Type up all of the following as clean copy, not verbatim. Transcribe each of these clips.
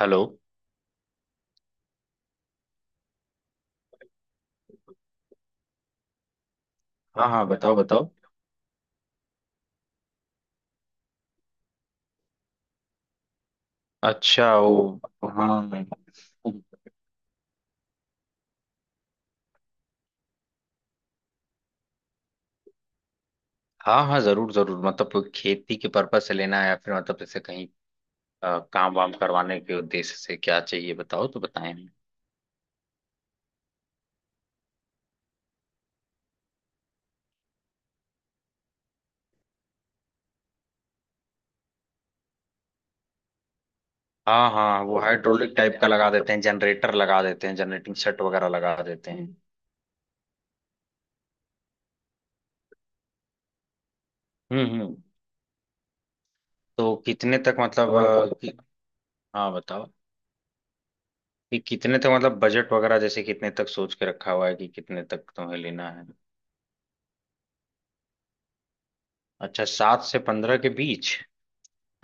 Hello. हाँ हाँ, बताओ बताओ। अच्छा, वो हाँ। हाँ हाँ, जरूर जरूर, मतलब खेती के पर्पज से लेना है या फिर मतलब जैसे कहीं काम वाम करवाने के उद्देश्य से, क्या चाहिए बताओ तो बताएं हमें। हाँ हाँ, वो हाइड्रोलिक टाइप का लगा देते हैं, जनरेटर लगा देते हैं, जनरेटिंग सेट वगैरह लगा देते हैं। हम्म। तो कितने तक मतलब हाँ बताओ। कि कितने तक मतलब बजट वगैरह, जैसे कितने तक सोच के रखा हुआ है कि कितने तक तुम्हें लेना है। अच्छा, सात से पंद्रह के बीच।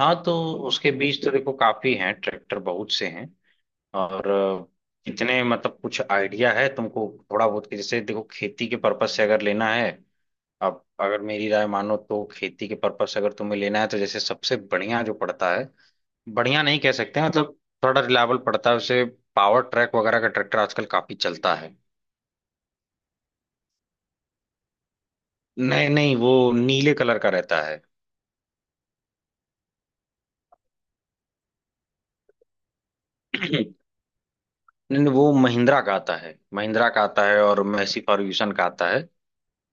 हाँ तो उसके बीज तो देखो काफी हैं, ट्रैक्टर बहुत से हैं। और कितने मतलब कुछ आइडिया है तुमको थोड़ा बहुत कि जैसे देखो, खेती के पर्पज से अगर लेना है, अब अगर मेरी राय मानो तो खेती के पर्पज से अगर तुम्हें लेना है तो जैसे सबसे बढ़िया जो पड़ता है, बढ़िया नहीं कह सकते हैं, मतलब थोड़ा रिलायबल पड़ता है उसे। पावर ट्रैक वगैरह का ट्रैक्टर आजकल काफी चलता है। नहीं नहीं, वो नीले कलर का रहता है। नहीं नहीं, वो महिंद्रा का आता है, महिंद्रा का आता है, और मैसी फर्ग्यूसन का आता है।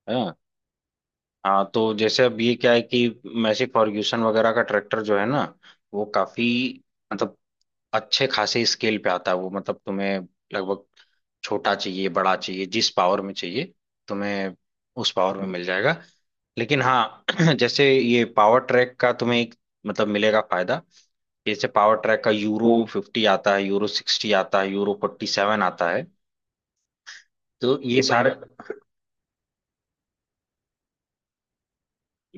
हाँ। हाँ तो जैसे अब ये क्या है कि मैसी फर्ग्यूसन वगैरह का ट्रैक्टर जो है ना, वो काफी, मतलब अच्छे खासे स्केल पे आता है वो, मतलब तुम्हें, लगभग, छोटा चाहिए, बड़ा चाहिए, जिस पावर में चाहिए तुम्हें, उस पावर में मिल जाएगा। लेकिन हाँ जैसे ये पावर ट्रैक का तुम्हें एक मतलब मिलेगा फायदा कि जैसे पावर ट्रैक का यूरो फिफ्टी आता है, यूरो सिक्सटी आता है, यूरो फोर्टी सेवन आता है। तो ये सारे,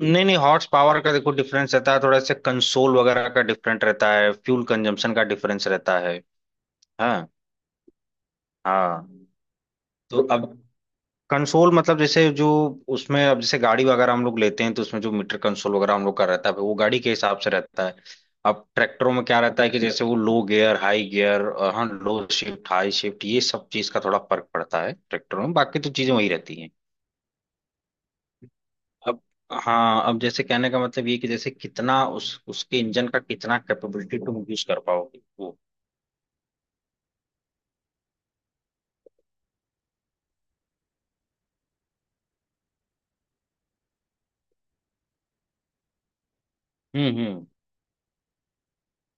नहीं नहीं, हॉर्स पावर का देखो डिफरेंस रहता है थोड़ा सा, कंसोल वगैरह का डिफरेंट रहता है, फ्यूल कंजम्पशन का डिफरेंस रहता है। हाँ हाँ। तो अब कंसोल मतलब जैसे जो उसमें, अब जैसे गाड़ी वगैरह हम लोग लेते हैं तो उसमें जो मीटर कंसोल वगैरह हम लोग का रहता है वो गाड़ी के हिसाब से रहता है। अब ट्रैक्टरों में क्या रहता है कि जैसे वो लो गियर हाई गियर, हाँ लो शिफ्ट हाई शिफ्ट, ये सब चीज का थोड़ा फर्क पड़ता है ट्रैक्टरों में, बाकी तो चीजें वही रहती हैं। अब हाँ, अब जैसे कहने का मतलब ये कि जैसे कितना उस उसके इंजन का कितना कैपेबिलिटी तुम यूज कर पाओगे वो। हम्म।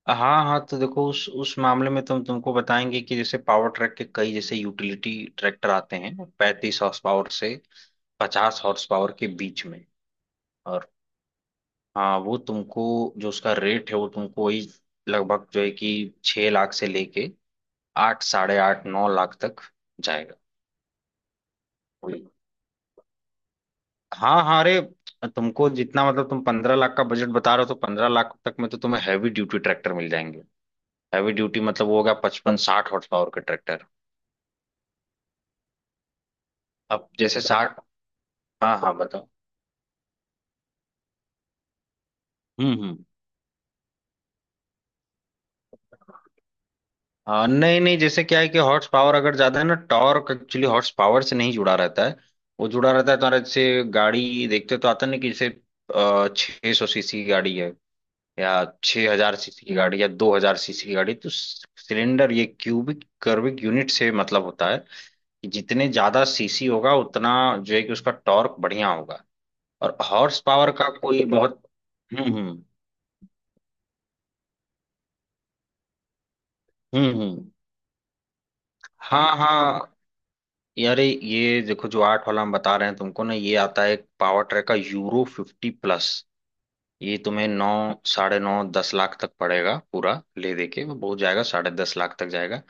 हाँ हाँ तो देखो उस मामले में तुमको बताएंगे कि जैसे पावर ट्रैक के कई जैसे यूटिलिटी ट्रैक्टर आते हैं, 35 हॉर्स पावर से 50 हॉर्स पावर के बीच में। और हाँ वो तुमको, जो उसका रेट है वो तुमको वही लगभग, जो है कि 6 लाख से लेके आठ साढ़े आठ नौ लाख तक जाएगा। हाँ हाँ, अरे तुमको जितना मतलब, तुम 15 लाख का बजट बता रहे हो तो 15 लाख तक में तो तुम्हें हैवी ड्यूटी ट्रैक्टर मिल जाएंगे। हैवी ड्यूटी मतलब वो होगा 55 60 हॉर्स पावर के ट्रैक्टर। अब जैसे साठ, हाँ हाँ बताओ। हम्म। हाँ नहीं नहीं, जैसे क्या है कि हॉर्स पावर अगर ज्यादा है ना, टॉर्क एक्चुअली हॉर्स पावर से नहीं जुड़ा रहता है। वो जुड़ा रहता है तुम्हारे, जैसे गाड़ी देखते तो आता नहीं कि जैसे 600 सीसी की गाड़ी है या 6,000 सीसी की गाड़ी या 2,000 सीसी की गाड़ी, तो सिलेंडर ये क्यूबिक कर्विक यूनिट से मतलब होता है कि जितने ज्यादा सीसी होगा उतना जो है कि उसका टॉर्क बढ़िया होगा। और हॉर्स पावर का कोई बहुत, हम्म। हम्म, हाँ हाँ। यारे ये देखो, जो आठ वाला हम बता रहे हैं तुमको ना, ये आता है पावर ट्रैक का यूरो फिफ्टी प्लस। ये तुम्हें नौ साढ़े नौ दस लाख तक पड़ेगा पूरा, ले दे के वो बहुत जाएगा साढ़े दस लाख तक जाएगा।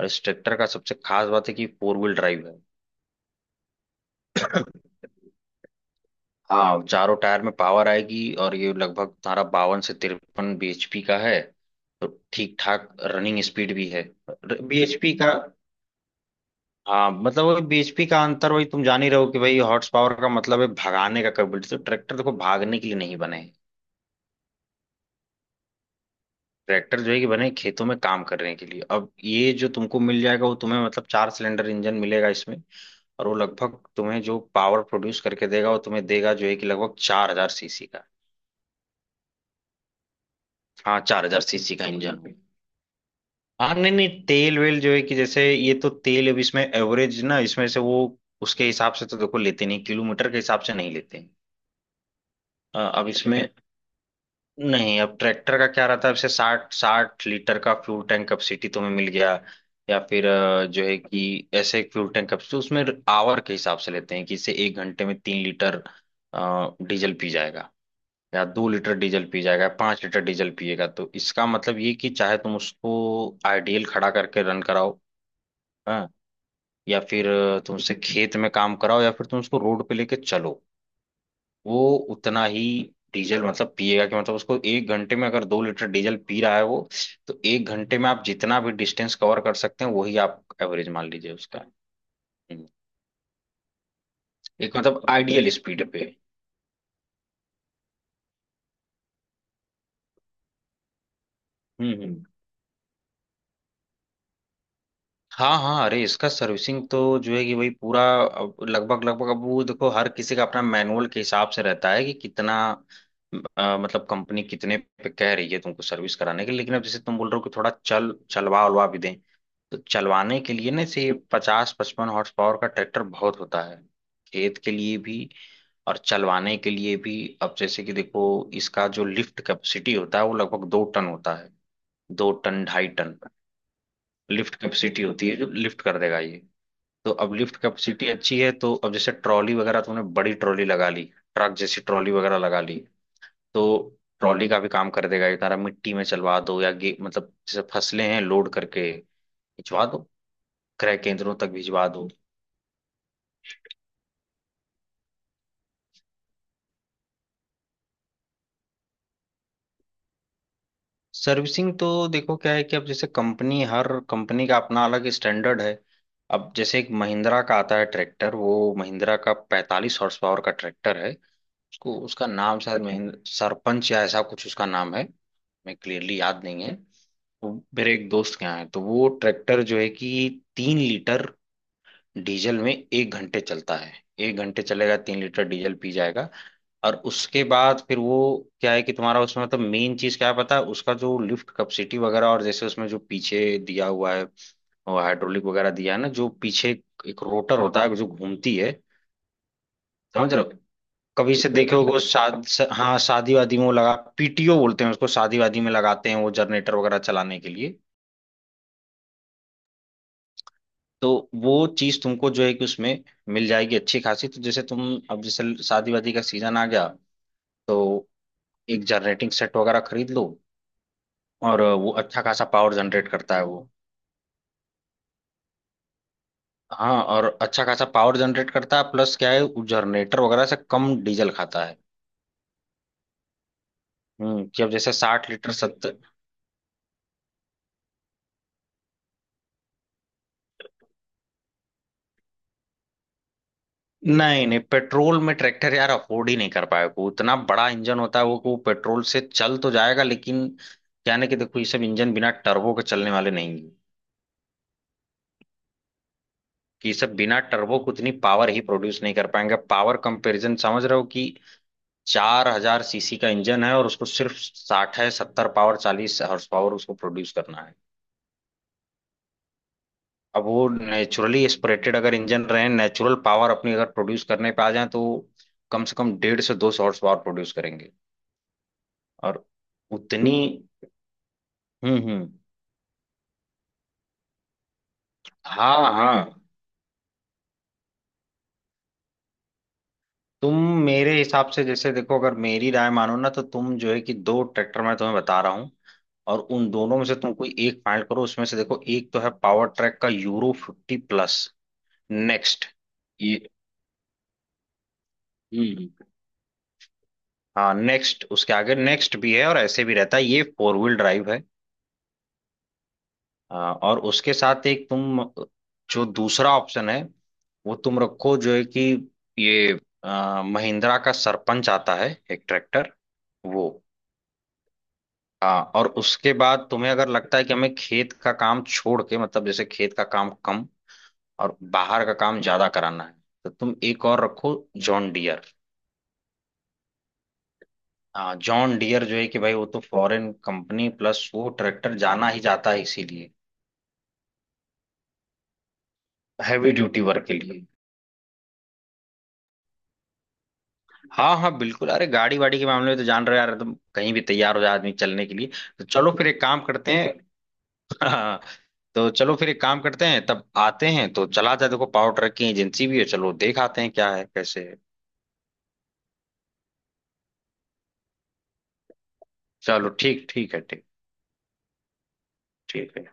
और इस ट्रैक्टर का सबसे खास बात है कि फोर व्हील ड्राइव है। हाँ, चारों टायर में पावर आएगी, और ये लगभग तुम्हारा बावन से तिरपन bhp का है। तो ठीक ठाक रनिंग स्पीड भी है। bhp का, हाँ मतलब वो bhp का अंतर वही तुम जान ही रहो कि भाई, हॉर्स पावर का मतलब है भगाने का कैपेबिलिटी, तो ट्रैक्टर देखो भागने के लिए नहीं बने हैं। ट्रैक्टर जो है कि बने हैं खेतों में काम करने के लिए। अब ये जो तुमको मिल जाएगा वो तुम्हें, मतलब 4 सिलेंडर इंजन मिलेगा इसमें, और वो लगभग तुम्हें जो पावर प्रोड्यूस करके देगा वो तुम्हें देगा जो है कि लगभग 4,000 सीसी का। हाँ, चार हजार सीसी का इंजन। हाँ नहीं नहीं, तेल वेल जो है कि जैसे ये तो तेल, अब इसमें एवरेज ना इसमें से वो उसके हिसाब से तो देखो लेते नहीं, किलोमीटर के हिसाब से नहीं लेते। अब इसमें, नहीं अब ट्रैक्टर का क्या रहता है, अब से 60 60 लीटर का फ्यूल टैंक कैपेसिटी तुम्हें मिल गया, या फिर जो है कि ऐसे एक फ्यूल टैंक कैपेसिटी उसमें आवर के हिसाब से लेते हैं, कि इससे एक घंटे में 3 लीटर डीजल पी जाएगा, या 2 लीटर डीजल पी जाएगा, 5 लीटर डीजल पिएगा, तो इसका मतलब ये कि चाहे तुम उसको आइडियल खड़ा करके रन कराओ, हाँ, या फिर तुमसे खेत में काम कराओ, या फिर तुम उसको रोड पे लेके चलो, वो उतना ही डीजल मतलब पिएगा, कि मतलब उसको एक घंटे में अगर 2 लीटर डीजल पी रहा है वो, तो एक घंटे में आप जितना भी डिस्टेंस कवर कर सकते हैं वही आप एवरेज मान लीजिए उसका। हम्म। एक मतलब आइडियल स्पीड पे। हम्म। हाँ हाँ, अरे इसका सर्विसिंग तो जो है कि वही पूरा, अब लगभग लगभग, अब वो देखो हर किसी का अपना मैनुअल के हिसाब से रहता है कि कितना मतलब कंपनी कितने पे कह रही है तुमको सर्विस कराने के लिए। लेकिन अब जैसे तुम बोल रहे हो कि थोड़ा चल चलवा उलवा भी दें, तो चलवाने के लिए ना से 50 55 हॉर्स पावर का ट्रैक्टर बहुत होता है, खेत के लिए भी और चलवाने के लिए भी। अब जैसे कि देखो, इसका जो लिफ्ट कैपेसिटी होता है वो लगभग 2 टन होता है, 2 टन 2.5 टन लिफ्ट कैपेसिटी होती है, जो लिफ्ट कर देगा ये। तो अब लिफ्ट कैपेसिटी अच्छी है, तो अब जैसे ट्रॉली वगैरह तुमने बड़ी ट्रॉली लगा ली, ट्रक जैसी ट्रॉली वगैरह लगा ली, तो ट्रॉली का भी काम कर देगा ये, तारा मिट्टी में चलवा दो, या गे मतलब जैसे फसलें हैं लोड करके भिजवा दो, क्रय केंद्रों तक भिजवा दो। सर्विसिंग तो देखो क्या है कि अब जैसे कंपनी, हर कंपनी का अपना अलग स्टैंडर्ड है। अब जैसे एक महिंद्रा का आता है ट्रैक्टर, वो महिंद्रा का 45 हॉर्स पावर का ट्रैक्टर है। उसको, उसका नाम शायद महेंद्र सरपंच या ऐसा कुछ उसका नाम है, मैं क्लियरली याद नहीं है। वो मेरे एक दोस्त के यहाँ है, तो वो ट्रैक्टर जो है कि 3 लीटर डीजल में एक घंटे चलता है। एक घंटे चलेगा, 3 लीटर डीजल पी जाएगा। और उसके बाद फिर वो, क्या है कि तुम्हारा उसमें मतलब मेन चीज क्या है पता है उसका, जो लिफ्ट कैपेसिटी वगैरह, और जैसे उसमें जो पीछे दिया हुआ है, और हाइड्रोलिक वगैरह दिया है ना जो पीछे, एक रोटर होता है जो घूमती है, समझ रहे हो। कभी से देखे होगे वो शाद हाँ, शादी वादी में वो लगा, पीटीओ बोलते हैं उसको, शादी वादी में लगाते हैं वो जनरेटर वगैरह चलाने के लिए। तो वो चीज तुमको जो है कि उसमें मिल जाएगी अच्छी खासी, तो जैसे तुम, अब जैसे शादी वादी का सीजन आ गया तो एक जनरेटिंग सेट वगैरह खरीद लो, और वो अच्छा खासा पावर जनरेट करता है वो। हाँ, और अच्छा खासा पावर जनरेट करता है, प्लस क्या है वो जनरेटर वगैरह से कम डीजल खाता है। हम्म, कि अब जैसे 60 लीटर सत्तर, नहीं नहीं, पेट्रोल में ट्रैक्टर यार अफोर्ड ही नहीं कर पाएगा, वो इतना बड़ा इंजन होता है वो, कि वो पेट्रोल से चल तो जाएगा, लेकिन क्या ना कि देखो ये सब इंजन बिना टर्बो के चलने वाले नहीं है, कि ये सब बिना टर्बो को उतनी पावर ही प्रोड्यूस नहीं कर पाएंगे, पावर कंपैरिजन समझ रहे हो, कि 4,000 सीसी का इंजन है, और उसको सिर्फ साठ है सत्तर पावर 40 हॉर्स पावर उसको प्रोड्यूस करना है। अब वो नेचुरली एस्पिरेटेड अगर इंजन रहे, नेचुरल पावर अपनी अगर प्रोड्यूस करने पे आ जाए तो कम से कम डेढ़ से 200 हॉर्स पावर प्रोड्यूस, और उतनी, हम्म। हाँ हाँ, तुम मेरे हिसाब से, जैसे देखो, अगर मेरी राय मानो ना तो तुम जो है कि दो ट्रैक्टर मैं तुम्हें बता रहा हूँ, और उन दोनों में से तुम कोई एक फाइंड करो, उसमें से देखो एक तो है पावर ट्रैक का यूरो फिफ्टी प्लस, नेक्स्ट ये। हम्म। हाँ, नेक्स्ट, उसके आगे नेक्स्ट भी है, और ऐसे भी रहता है, ये फोर व्हील ड्राइव है। और उसके साथ एक तुम, जो दूसरा ऑप्शन है वो तुम रखो, जो है कि ये महिंद्रा का सरपंच आता है एक ट्रैक्टर, वो और उसके बाद तुम्हें अगर लगता है कि हमें खेत का काम छोड़ के, मतलब जैसे खेत का काम कम और बाहर का काम ज्यादा कराना है, तो तुम एक और रखो, जॉन डियर। हाँ जॉन डियर जो है कि भाई वो तो फॉरेन कंपनी, प्लस वो ट्रैक्टर जाना ही जाता है इसीलिए, हैवी ड्यूटी वर्क के लिए। हाँ हाँ बिल्कुल, अरे गाड़ी वाड़ी के मामले में तो जान रहे हो यार तुम, कहीं भी तैयार हो जाए आदमी चलने के लिए। तो चलो फिर एक काम करते हैं। हाँ। तो चलो फिर एक काम करते हैं, तब आते हैं, तो चला जाए, देखो पावर ट्रैक की एजेंसी भी है, चलो देख आते हैं क्या है कैसे है। चलो ठीक, ठीक है ठीक, ठीक है।